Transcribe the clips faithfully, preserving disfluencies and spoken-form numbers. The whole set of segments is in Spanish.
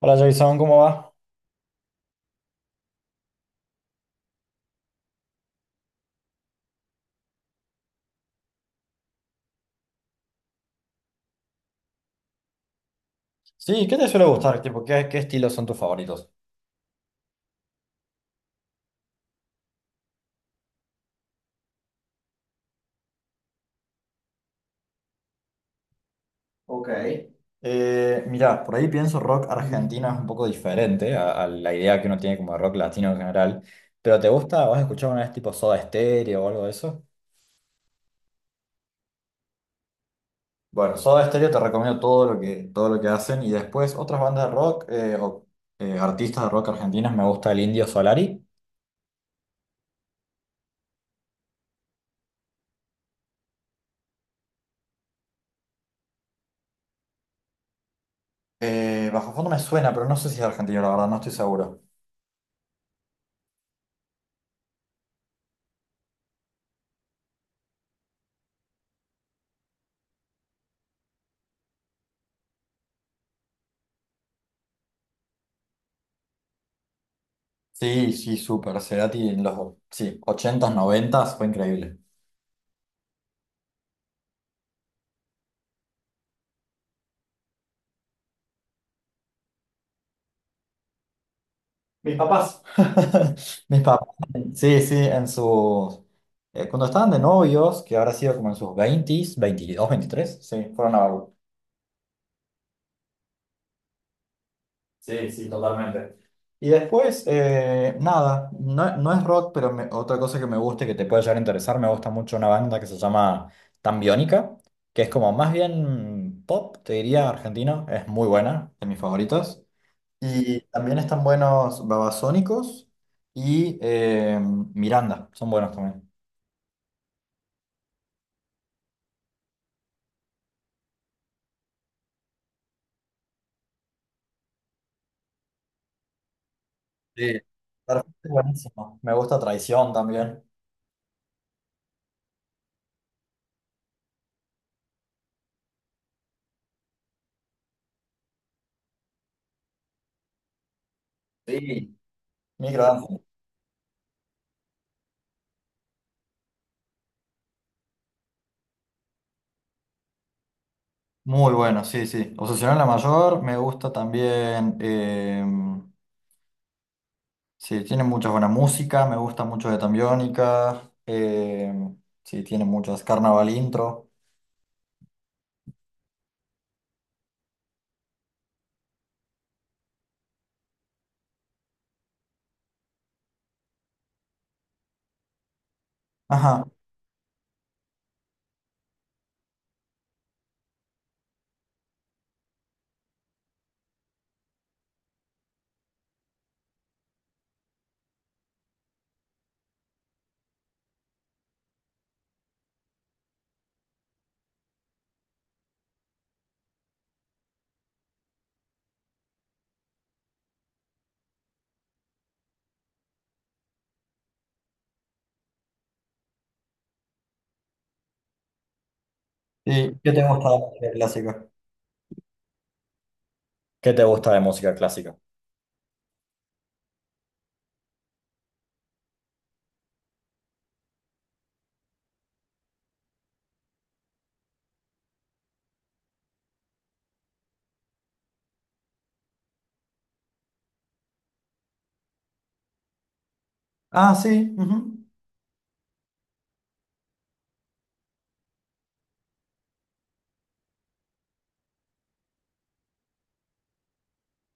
Hola Jason, ¿cómo va? Sí, ¿qué te suele gustar? Tipo, ¿qué, qué estilos son tus favoritos? Ok, Eh, mirá, por ahí pienso rock argentino es un poco diferente a, a la idea que uno tiene como de rock latino en general. Pero ¿te gusta? ¿Vas a escuchar una vez tipo Soda Stereo o algo de eso? Bueno, Soda Stereo te recomiendo todo lo que, todo lo que hacen. Y después otras bandas de rock eh, o eh, artistas de rock argentinos. Me gusta el Indio Solari. Eh, Bajo Fondo me suena, pero no sé si es argentino, la verdad, no estoy seguro. Sí, sí, súper. Cerati en los sí, ochentas noventas fue increíble. Mis papás. Mis papás, sí, sí, en sus... eh, cuando estaban de novios, que habrá sido como en sus veintis veintidós veintitrés sí, fueron a verlo. Sí, sí, totalmente. Y después, eh, nada, no, no es rock, pero me- otra cosa que me gusta y que te puede llegar a interesar, me gusta mucho una banda que se llama Tambiónica, que es como más bien pop, te diría, argentina, es muy buena, de mis favoritas. Y también están buenos Babasónicos y eh, Miranda, son buenos también. Sí, Perfecto, buenísimo. Me gusta Traición también. Sí. Microdance. Muy bueno, sí, sí. Obsesión en la mayor, me gusta también. Eh, sí, tiene mucha buena música, me gusta mucho de Tambiónica. Eh, sí, tiene muchas. Carnaval intro. Ajá. ¿Y qué te gusta de música clásica? ¿Qué te gusta de música clásica? Ah, sí. Ujú.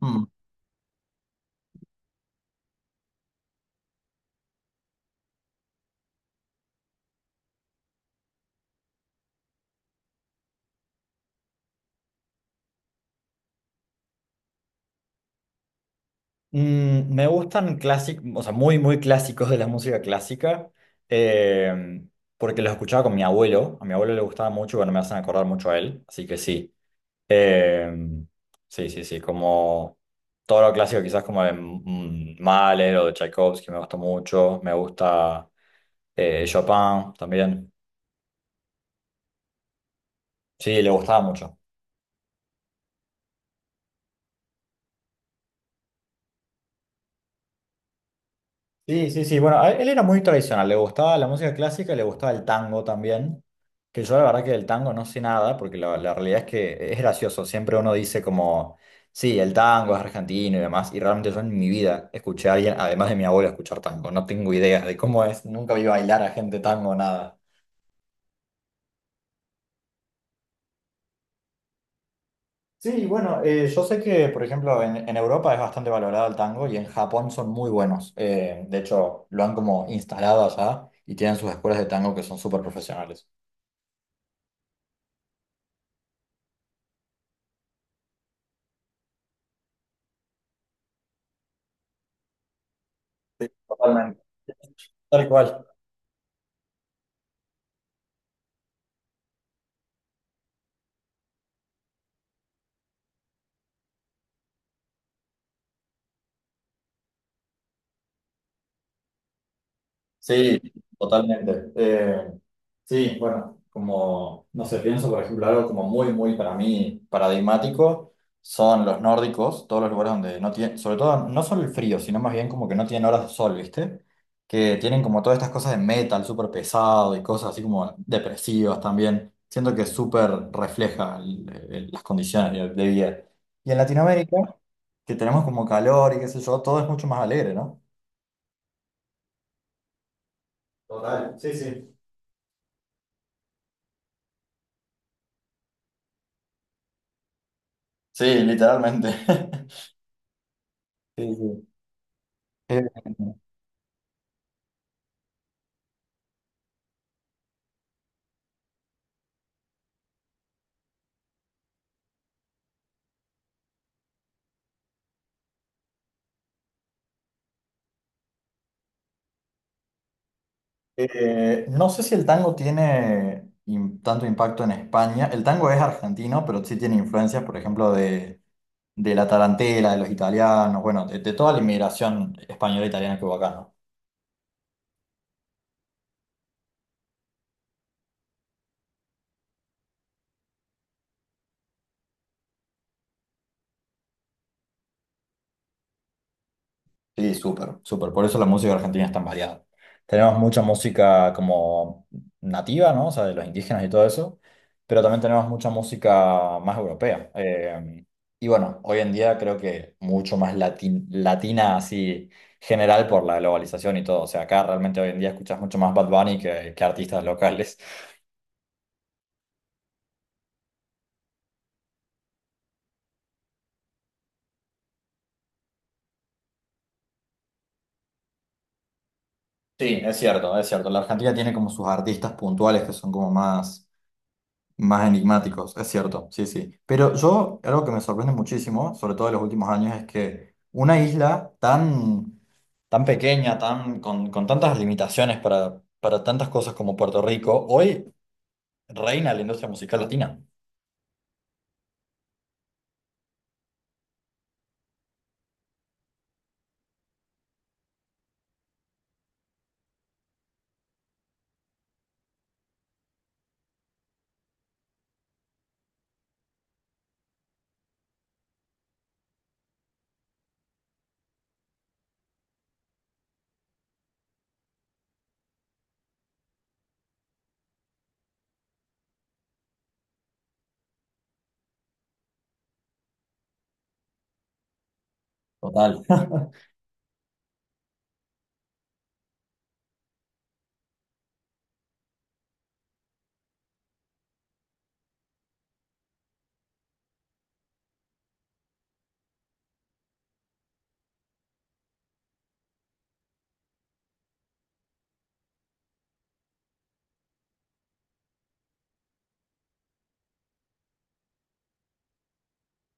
Mm. Mm, me gustan clásicos, o sea, muy, muy clásicos de la música clásica, eh, porque los escuchaba con mi abuelo. A mi abuelo le gustaba mucho y bueno, me hacen acordar mucho a él, así que sí. Eh, sí, sí, sí, como todo lo clásico, quizás como de mm, Mahler o de Tchaikovsky, me gustó mucho. Me gusta eh, Chopin también. Sí, le gustaba mucho. Sí, sí, sí. Bueno, a- él era muy tradicional. Le gustaba la música clásica y le gustaba el tango también. Que yo la verdad que del tango no sé nada, porque la, la realidad es que es gracioso. Siempre uno dice como, sí, el tango es argentino y demás. Y realmente yo en mi vida escuché a alguien, además de mi abuela, escuchar tango. No tengo idea de cómo es. Nunca vi bailar a gente tango, nada. Sí, bueno, eh, yo sé que, por ejemplo, en, en Europa es bastante valorado el tango y en Japón son muy buenos. Eh, de hecho, lo han como instalado allá y tienen sus escuelas de tango que son súper profesionales. Sí, totalmente. Tal cual. Sí, totalmente. Eh, sí, bueno, como, no sé, pienso, por ejemplo, algo como muy, muy para mí paradigmático son los nórdicos, todos los lugares donde no tienen, sobre todo, no solo el frío, sino más bien como que no tienen horas de sol, ¿viste? Que tienen como todas estas cosas de metal súper pesado y cosas así como depresivas también. Siento que súper refleja el- el- las condiciones de de vida. Y en Latinoamérica, que tenemos como calor y qué sé yo, todo es mucho más alegre, ¿no? Total, sí, sí. Sí, literalmente. Sí, sí. Eh, eh, no sé si el tango tiene im- tanto impacto en España. El tango es argentino, pero sí tiene influencias, por ejemplo, de, de la tarantela, de los italianos, bueno, de, de toda la inmigración española e italiana que hubo acá, ¿no? Sí, súper, súper. Por eso la música argentina es tan variada. Tenemos mucha música como nativa, ¿no? O sea, de los indígenas y todo eso, pero también tenemos mucha música más europea. Eh, y bueno, hoy en día creo que mucho más latin- latina así general por la globalización y todo. O sea, acá realmente hoy en día escuchas mucho más Bad Bunny que, que artistas locales. Sí, es cierto, es cierto. La Argentina tiene como sus artistas puntuales que son como más... Más enigmáticos, es cierto, sí, sí. Pero yo, algo que me sorprende muchísimo, sobre todo en los últimos años, es que una isla tan, tan pequeña, tan, con, con tantas limitaciones para, para tantas cosas como Puerto Rico, hoy reina la industria musical latina. Total.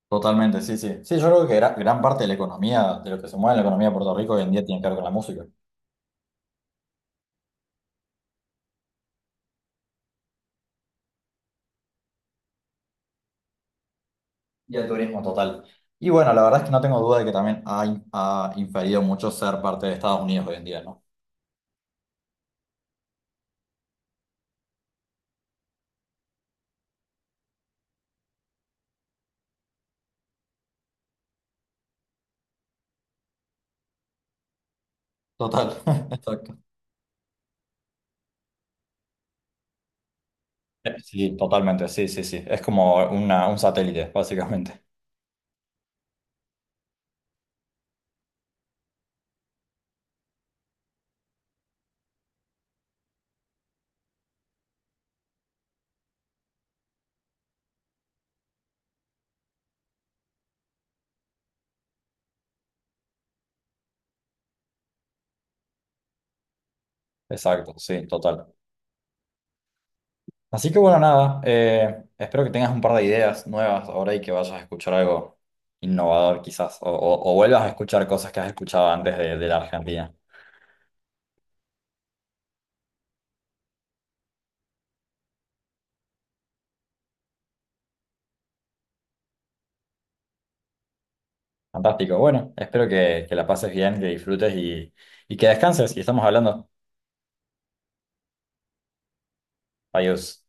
Totalmente, sí, sí. Sí, yo creo que gra- gran parte de la economía, de lo que se mueve en la economía de Puerto Rico hoy en día tiene que ver con la música y el turismo total. Y bueno, la verdad es que no tengo duda de que también ha, ha inferido mucho ser parte de Estados Unidos hoy en día, ¿no? Total. Exacto. Eh, Sí, totalmente, sí, sí, sí. Es como una, un satélite, básicamente. Exacto, sí, total. Así que bueno, nada, eh, espero que tengas un par de ideas nuevas ahora y que vayas a escuchar algo innovador quizás, o, o- o vuelvas a escuchar cosas que has escuchado antes de, de la Argentina. Fantástico, bueno, espero que, que la pases bien, que disfrutes y, y que descanses y estamos hablando. Adiós.